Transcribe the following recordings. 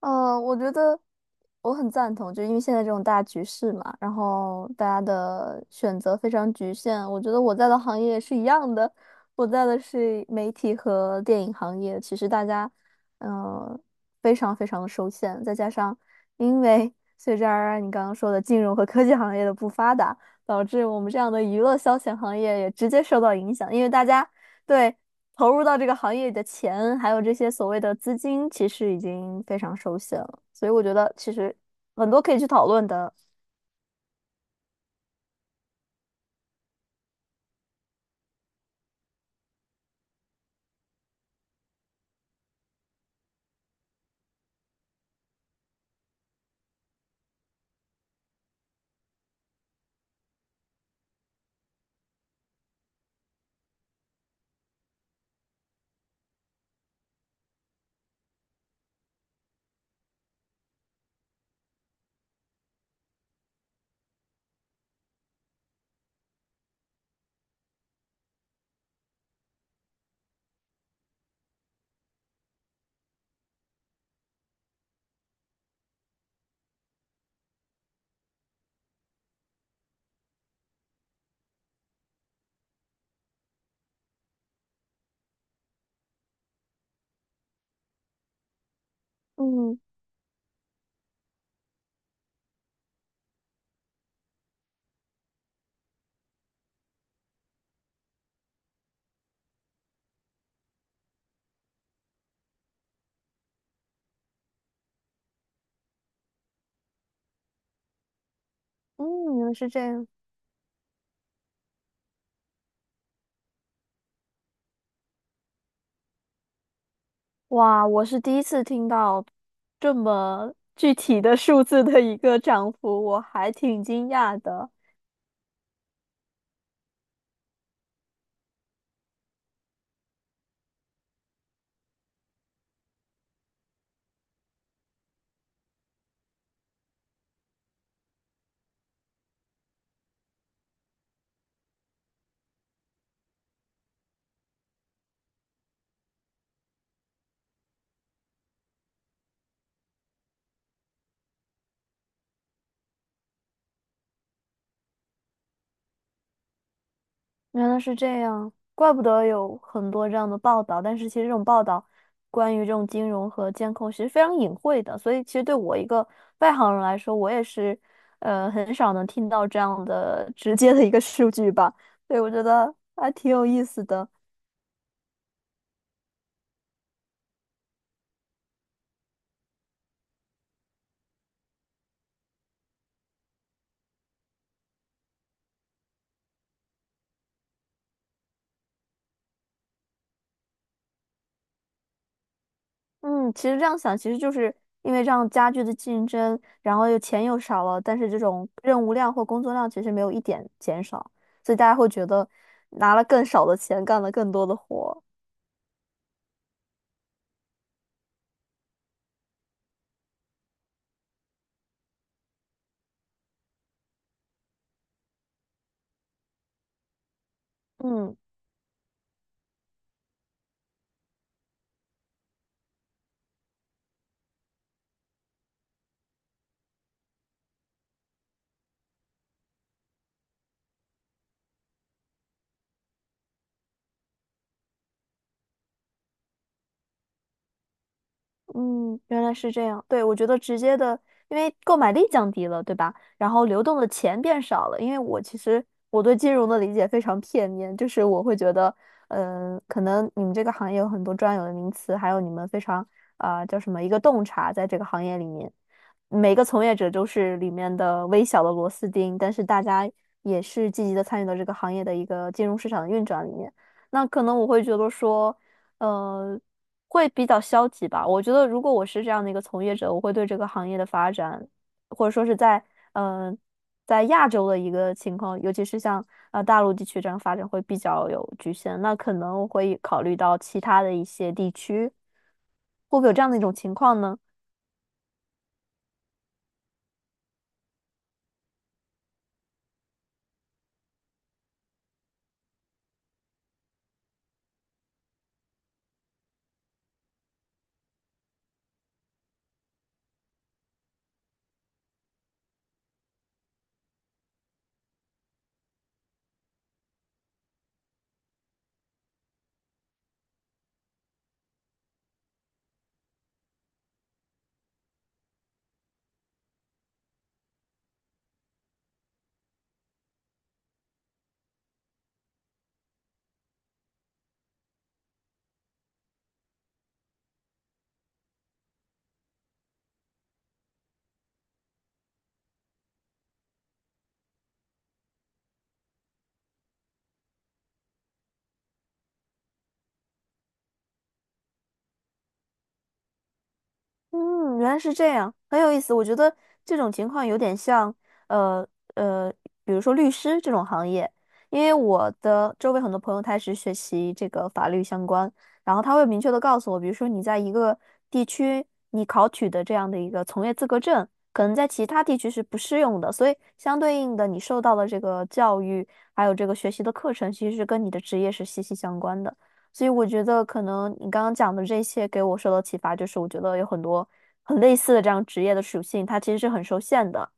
我觉得我很赞同，就因为现在这种大局势嘛，然后大家的选择非常局限。我觉得我在的行业是一样的，我在的是媒体和电影行业，其实大家嗯、呃非常非常的受限，再加上因为随着而然你刚刚说的金融和科技行业的不发达，导致我们这样的娱乐消遣行业也直接受到影响，因为大家。对，投入到这个行业里的钱，还有这些所谓的资金，其实已经非常熟悉了。所以我觉得其实很多可以去讨论的。嗯嗯，原来是这样。哇，我是第一次听到这么具体的数字的一个涨幅，我还挺惊讶的。原来是这样，怪不得有很多这样的报道。但是其实这种报道关于这种金融和监控其实非常隐晦的，所以其实对我一个外行人来说，我也是很少能听到这样的 直接的一个数据吧。所以我觉得还挺有意思的。嗯，其实这样想，其实就是因为这样加剧的竞争，然后又钱又少了，但是这种任务量或工作量其实没有一点减少，所以大家会觉得拿了更少的钱干了更多的活。嗯。嗯，原来是这样。对，我觉得直接的，因为购买力降低了，对吧？然后流动的钱变少了。因为我其实我对金融的理解非常片面，就是我会觉得，可能你们这个行业有很多专有的名词，还有你们非常啊、叫什么一个洞察，在这个行业里面，每个从业者都是里面的微小的螺丝钉，但是大家也是积极的参与到这个行业的一个金融市场的运转里面。那可能我会觉得说。呃会比较消极吧。我觉得如果我是这样的一个从业者，我会对这个行业的发展，或者说是在嗯、呃在亚洲的一个情况，尤其是像大陆地区这样发展会比较有局限。那可能我会考虑到其他的一些地区，会不会有这样的一种情况呢？嗯，原来是这样，很有意思。我觉得这种情况有点像，呃呃，比如说律师这种行业，因为我的周围很多朋友他是学习这个法律相关，然后他会明确的告诉我，比如说你在一个地区你考取的这样的一个从业资格证，可能在其他地区是不适用的，所以相对应的你受到的这个教育还有这个学习的课程，其实是跟你的职业是息息相关的。所以我觉得可能你刚刚讲的这些给我受到启发，就是我觉得有很多很类似的这样职业的属性，它其实是很受限的。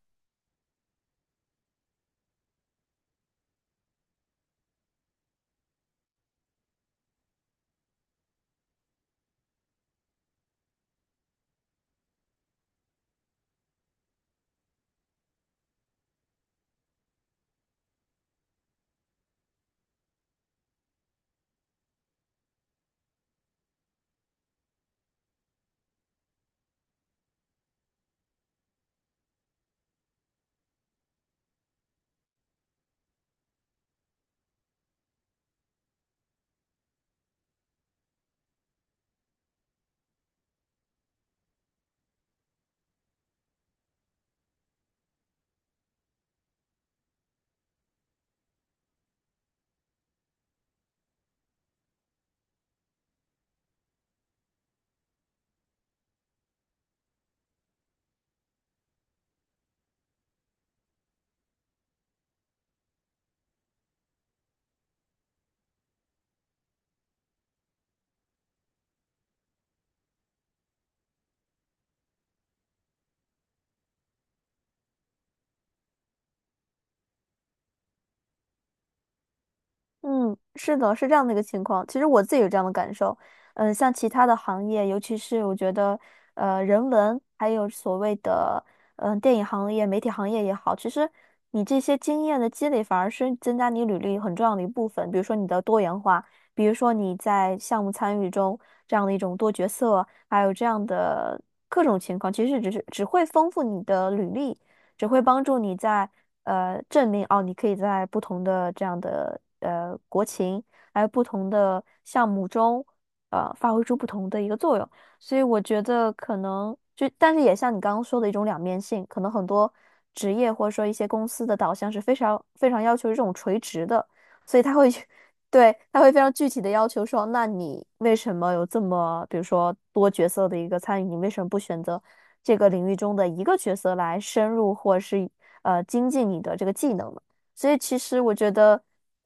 嗯，是的，是这样的一个情况。其实我自己有这样的感受，像其他的行业，尤其是我觉得，人文还有所谓的，电影行业、媒体行业也好，其实你这些经验的积累反而是增加你履历很重要的一部分。比如说你的多元化，比如说你在项目参与中这样的一种多角色，还有这样的各种情况，其实只会丰富你的履历。只会帮助你在证明哦，你可以在不同的这样的国情，还有不同的项目中，发挥出不同的一个作用。所以我觉得可能就，但是也像你刚刚说的一种两面性，可能很多职业或者说一些公司的导向是非常非常要求这种垂直的，所以他会去。对，他会非常具体的要求说，那你为什么有这么，比如说多角色的一个参与？你为什么不选择？这个领域中的一个角色来深入或是精进你的这个技能嘛。所以其实我觉得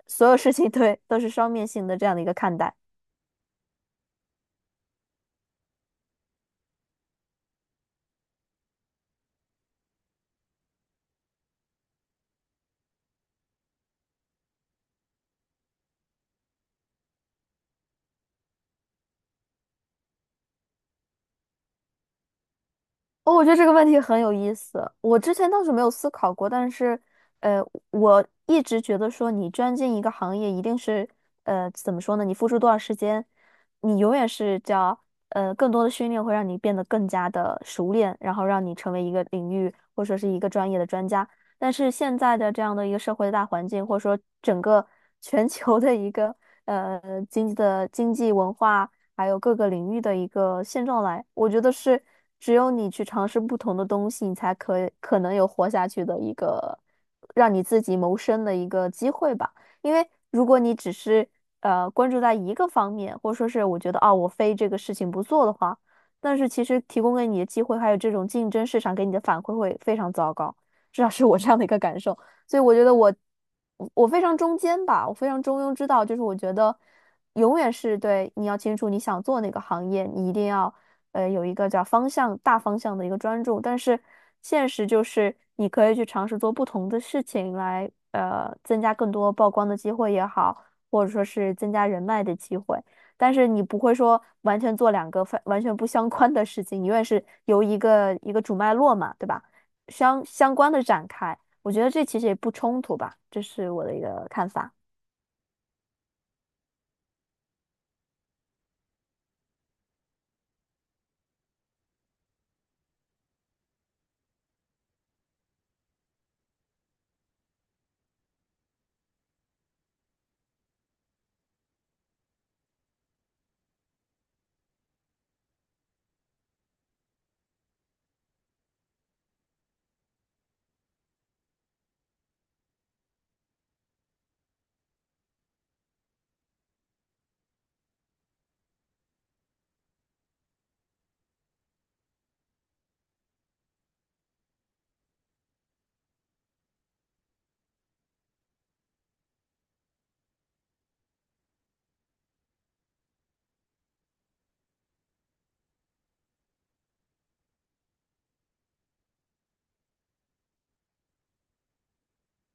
所有事情 对都是双面性的这样的一个看待。哦，我觉得这个问题很有意思。我之前倒是没有思考过，但是，呃，我一直觉得说，你钻进一个行业，一定是，怎么说呢？你付出多少时间，你永远是叫，更多的训练会让你变得更加的熟练，然后让你成为一个领域或者说是一个专业的专家。但是现在的这样的一个社会的大环境，或者说整个全球的一个呃经济的经济文化。还有各个领域的一个现状来。我觉得是只有你去尝试不同的东西，你才可能有活下去的一个让你自己谋生的一个机会吧。因为如果你只是关注在一个方面，或者说是我觉得啊我非这个事情不做的话，但是其实提供给你的机会还有这种竞争市场给你的反馈会非常糟糕。至少是我这样的一个感受。所以我觉得我非常中间吧，我非常中庸之道，就是我觉得永远是对你要清楚你想做哪个行业，你一定要有一个叫方向大方向的一个专注，但是现实就是你可以去尝试做不同的事情来增加更多曝光的机会也好，或者说是增加人脉的机会。但是你不会说完全做两个非完全不相关的事情，你永远是由一个主脉络嘛，对吧？相关的展开。我觉得这其实也不冲突吧，这是我的一个看法。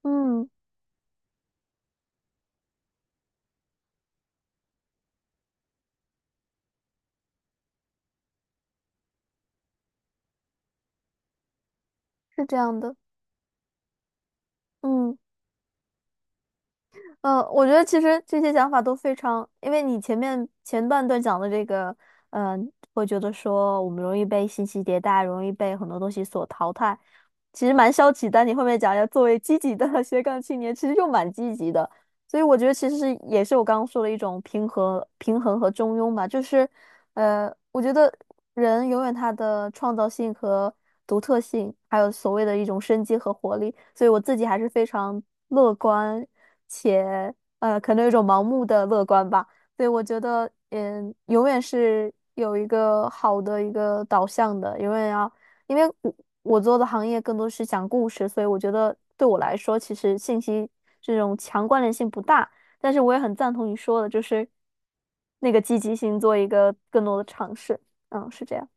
嗯，是这样的。嗯。嗯，我觉得其实这些想法都非常，因为你前面前半段讲的这个，嗯，会觉得说我们容易被信息迭代，容易被很多东西所淘汰，其实蛮消极但你后面讲要作为积极的 斜杠青年，其实又蛮积极的。所以我觉得其实是也是我刚刚说的一种平衡、平衡和中庸吧，就是，我觉得人永远他的创造性和独特性，还有所谓的一种生机和活力，所以我自己还是非常乐观。且可能有一种盲目的乐观吧。对，我觉得，嗯，永远是有一个好的一个导向的，永远要，因为我我做的行业更多是讲故事，所以我觉得对我来说，其实信息这种强关联性不大。但是我也很赞同你说的，就是那个积极性做一个更多的尝试。嗯，是这样。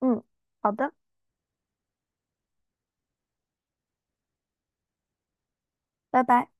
嗯，好的，拜拜。